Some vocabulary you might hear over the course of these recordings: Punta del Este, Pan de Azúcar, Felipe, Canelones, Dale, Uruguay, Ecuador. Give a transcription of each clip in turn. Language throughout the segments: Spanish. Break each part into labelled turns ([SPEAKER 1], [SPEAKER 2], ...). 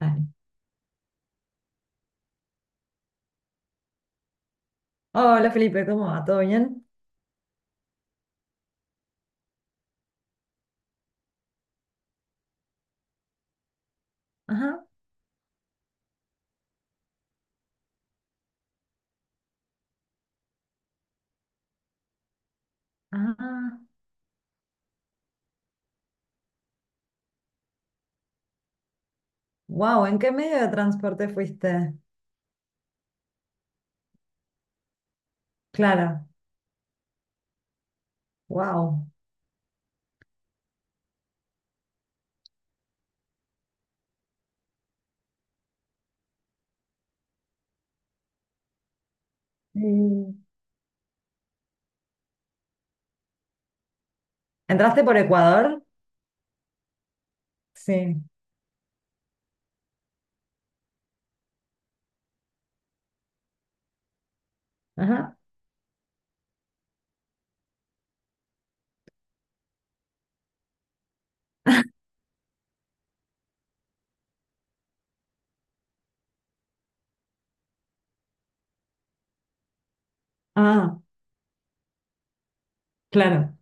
[SPEAKER 1] Dale. Hola Felipe, ¿cómo va? ¿Todo bien? Ajá, ajá. Wow, ¿en qué medio de transporte fuiste? Clara, wow. ¿Entraste por Ecuador? Sí. Ajá. Ah, claro.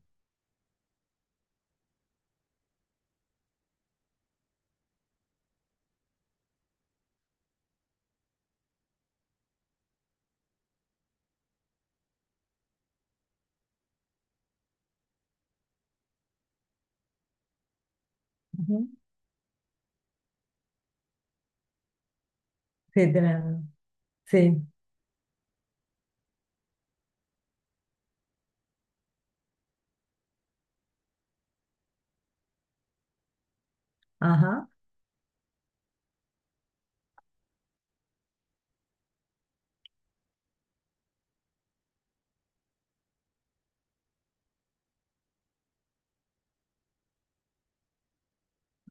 [SPEAKER 1] Ujú. Sí, tienen. Sí. Ajá,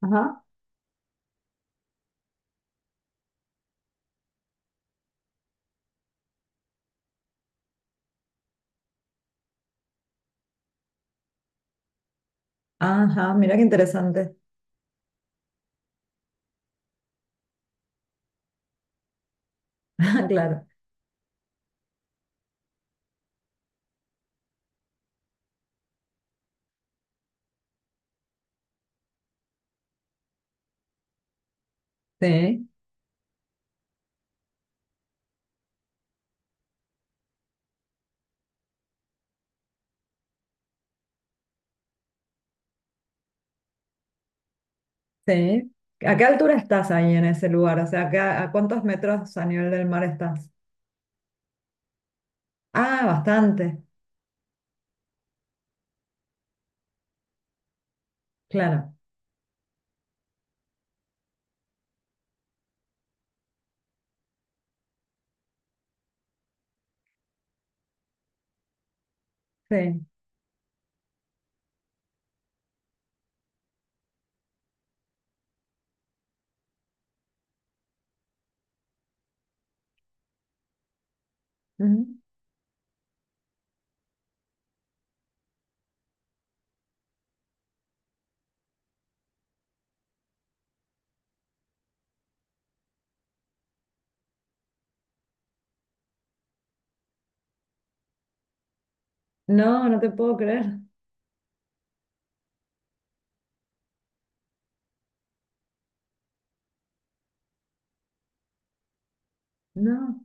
[SPEAKER 1] ajá. Ajá, mira qué interesante. Claro. Sí, sí. ¿A qué altura estás ahí en ese lugar? O sea, ¿a qué- a cuántos metros a nivel del mar estás? Ah, bastante. Claro. Sí. Ujú. No, no te puedo creer. No,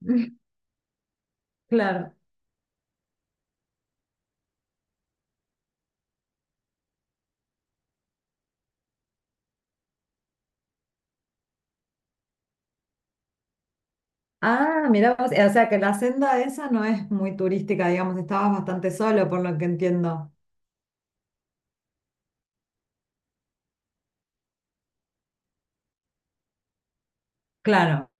[SPEAKER 1] claro. Ah, mira, vos, o sea que la senda esa no es muy turística, digamos, estabas bastante solo, por lo que entiendo. Claro,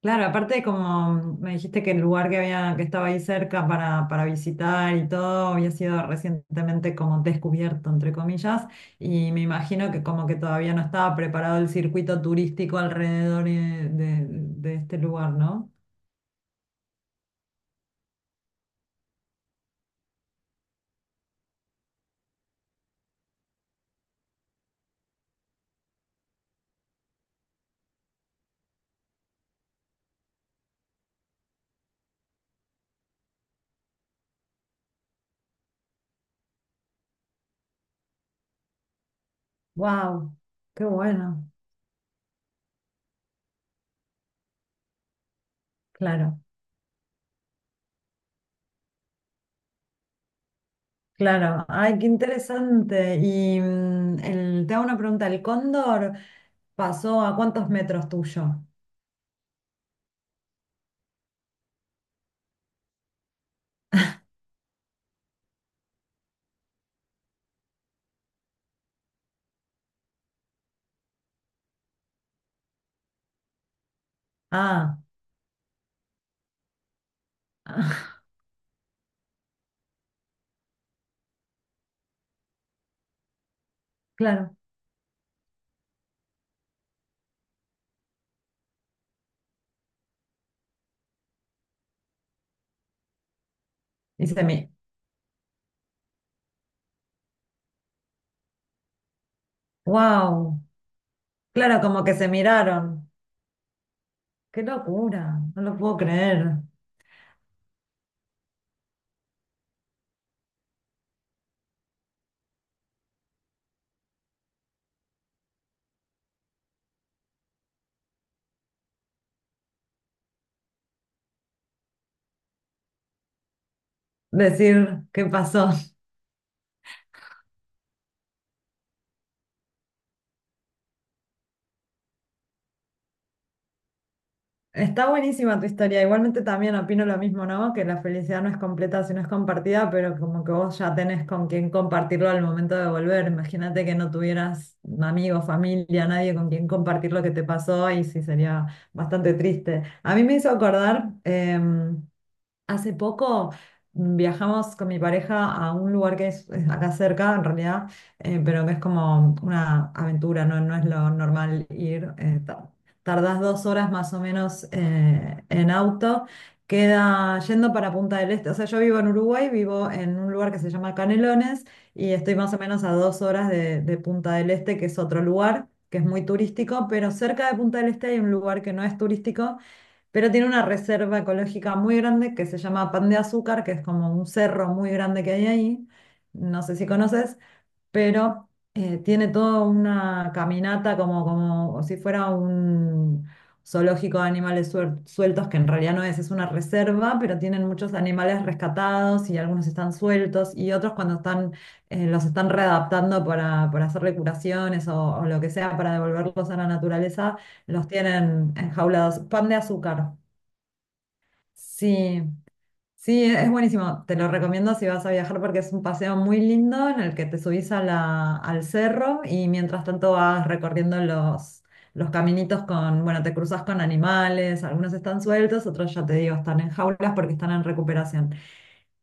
[SPEAKER 1] claro, aparte como me dijiste que el lugar que había, que estaba ahí cerca para visitar y todo, había sido recientemente como descubierto, entre comillas, y me imagino que como que todavía no estaba preparado el circuito turístico alrededor de este lugar, ¿no? Wow, qué bueno, claro. Claro, ay, qué interesante. Y mm, te hago una pregunta, ¿el cóndor pasó a cuántos metros tuyo? Ah, claro. Y se me... Wow, claro, como que se miraron. Qué locura, no lo puedo creer. Decir qué pasó. Está buenísima tu historia. Igualmente también opino lo mismo, ¿no? Que la felicidad no es completa si no es compartida, pero como que vos ya tenés con quién compartirlo al momento de volver. Imagínate que no tuvieras amigos, familia, nadie con quien compartir lo que te pasó y sí sería bastante triste. A mí me hizo acordar, hace poco viajamos con mi pareja a un lugar que es acá cerca, en realidad, pero que es como una aventura, no, no es lo normal ir. Tardás 2 horas más o menos en auto. Queda yendo para Punta del Este. O sea, yo vivo en Uruguay, vivo en un lugar que se llama Canelones y estoy más o menos a 2 horas de Punta del Este, que es otro lugar que es muy turístico, pero cerca de Punta del Este hay un lugar que no es turístico pero tiene una reserva ecológica muy grande que se llama Pan de Azúcar, que es como un cerro muy grande que hay ahí, no sé si conoces, pero tiene toda una caminata como, como si fuera un zoológico de animales sueltos, que en realidad no es, es una reserva, pero tienen muchos animales rescatados y algunos están sueltos y otros cuando están, los están readaptando para hacerle curaciones o lo que sea para devolverlos a la naturaleza. Los tienen enjaulados. Pan de azúcar. Sí, sí, es buenísimo. Te lo recomiendo si vas a viajar porque es un paseo muy lindo en el que te subís a la, al cerro y mientras tanto vas recorriendo los caminitos con, bueno, te cruzas con animales, algunos están sueltos, otros ya te digo, están en jaulas porque están en recuperación.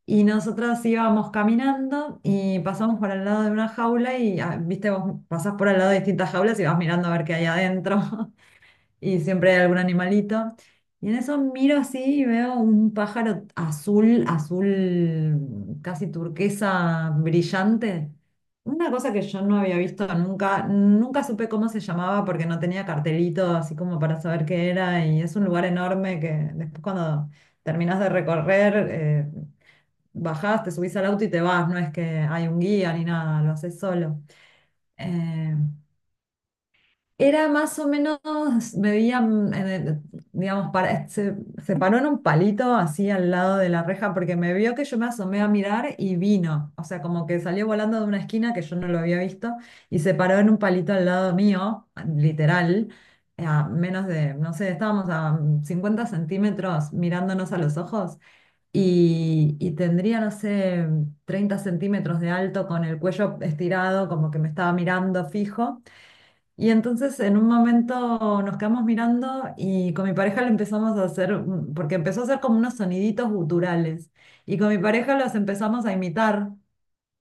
[SPEAKER 1] Y nosotras íbamos caminando y pasamos por al lado de una jaula y, ah, viste, vos pasás por al lado de distintas jaulas y vas mirando a ver qué hay adentro y siempre hay algún animalito. Y en eso miro así y veo un pájaro azul, azul, casi turquesa, brillante. Una cosa que yo no había visto nunca, nunca supe cómo se llamaba porque no tenía cartelito así como para saber qué era y es un lugar enorme que después cuando terminás de recorrer, bajás, te subís al auto y te vas, no es que hay un guía ni nada, lo haces solo. Eh, era más o menos, medían, digamos, para, se paró en un palito así al lado de la reja porque me vio que yo me asomé a mirar y vino. O sea, como que salió volando de una esquina que yo no lo había visto y se paró en un palito al lado mío, literal, a menos de, no sé, estábamos a 50 cm mirándonos a los ojos y tendría, no sé, 30 cm de alto con el cuello estirado, como que me estaba mirando fijo. Y entonces en un momento nos quedamos mirando y con mi pareja le empezamos a hacer, porque empezó a hacer como unos soniditos guturales, y con mi pareja los empezamos a imitar,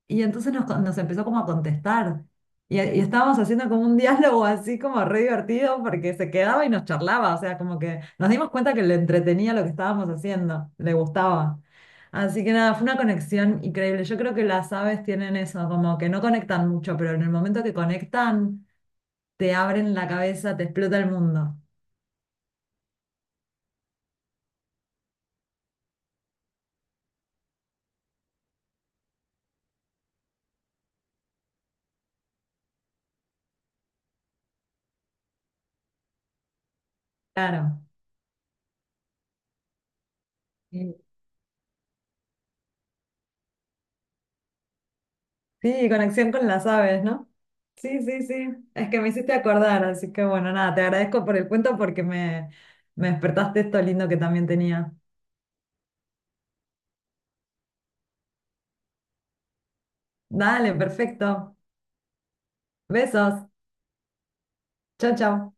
[SPEAKER 1] y entonces nos empezó como a contestar, y estábamos haciendo como un diálogo así como re divertido, porque se quedaba y nos charlaba, o sea, como que nos dimos cuenta que le entretenía lo que estábamos haciendo, le gustaba. Así que nada, fue una conexión increíble. Yo creo que las aves tienen eso, como que no conectan mucho, pero en el momento que conectan te abren la cabeza, te explota el mundo. Claro. Mm. Sí, conexión con las aves, ¿no? Sí, sí, sí. Es que me hiciste acordar, así que bueno, nada, te agradezco por el cuento porque me despertaste esto lindo que también tenía. Dale, perfecto. Besos. Chau, chau.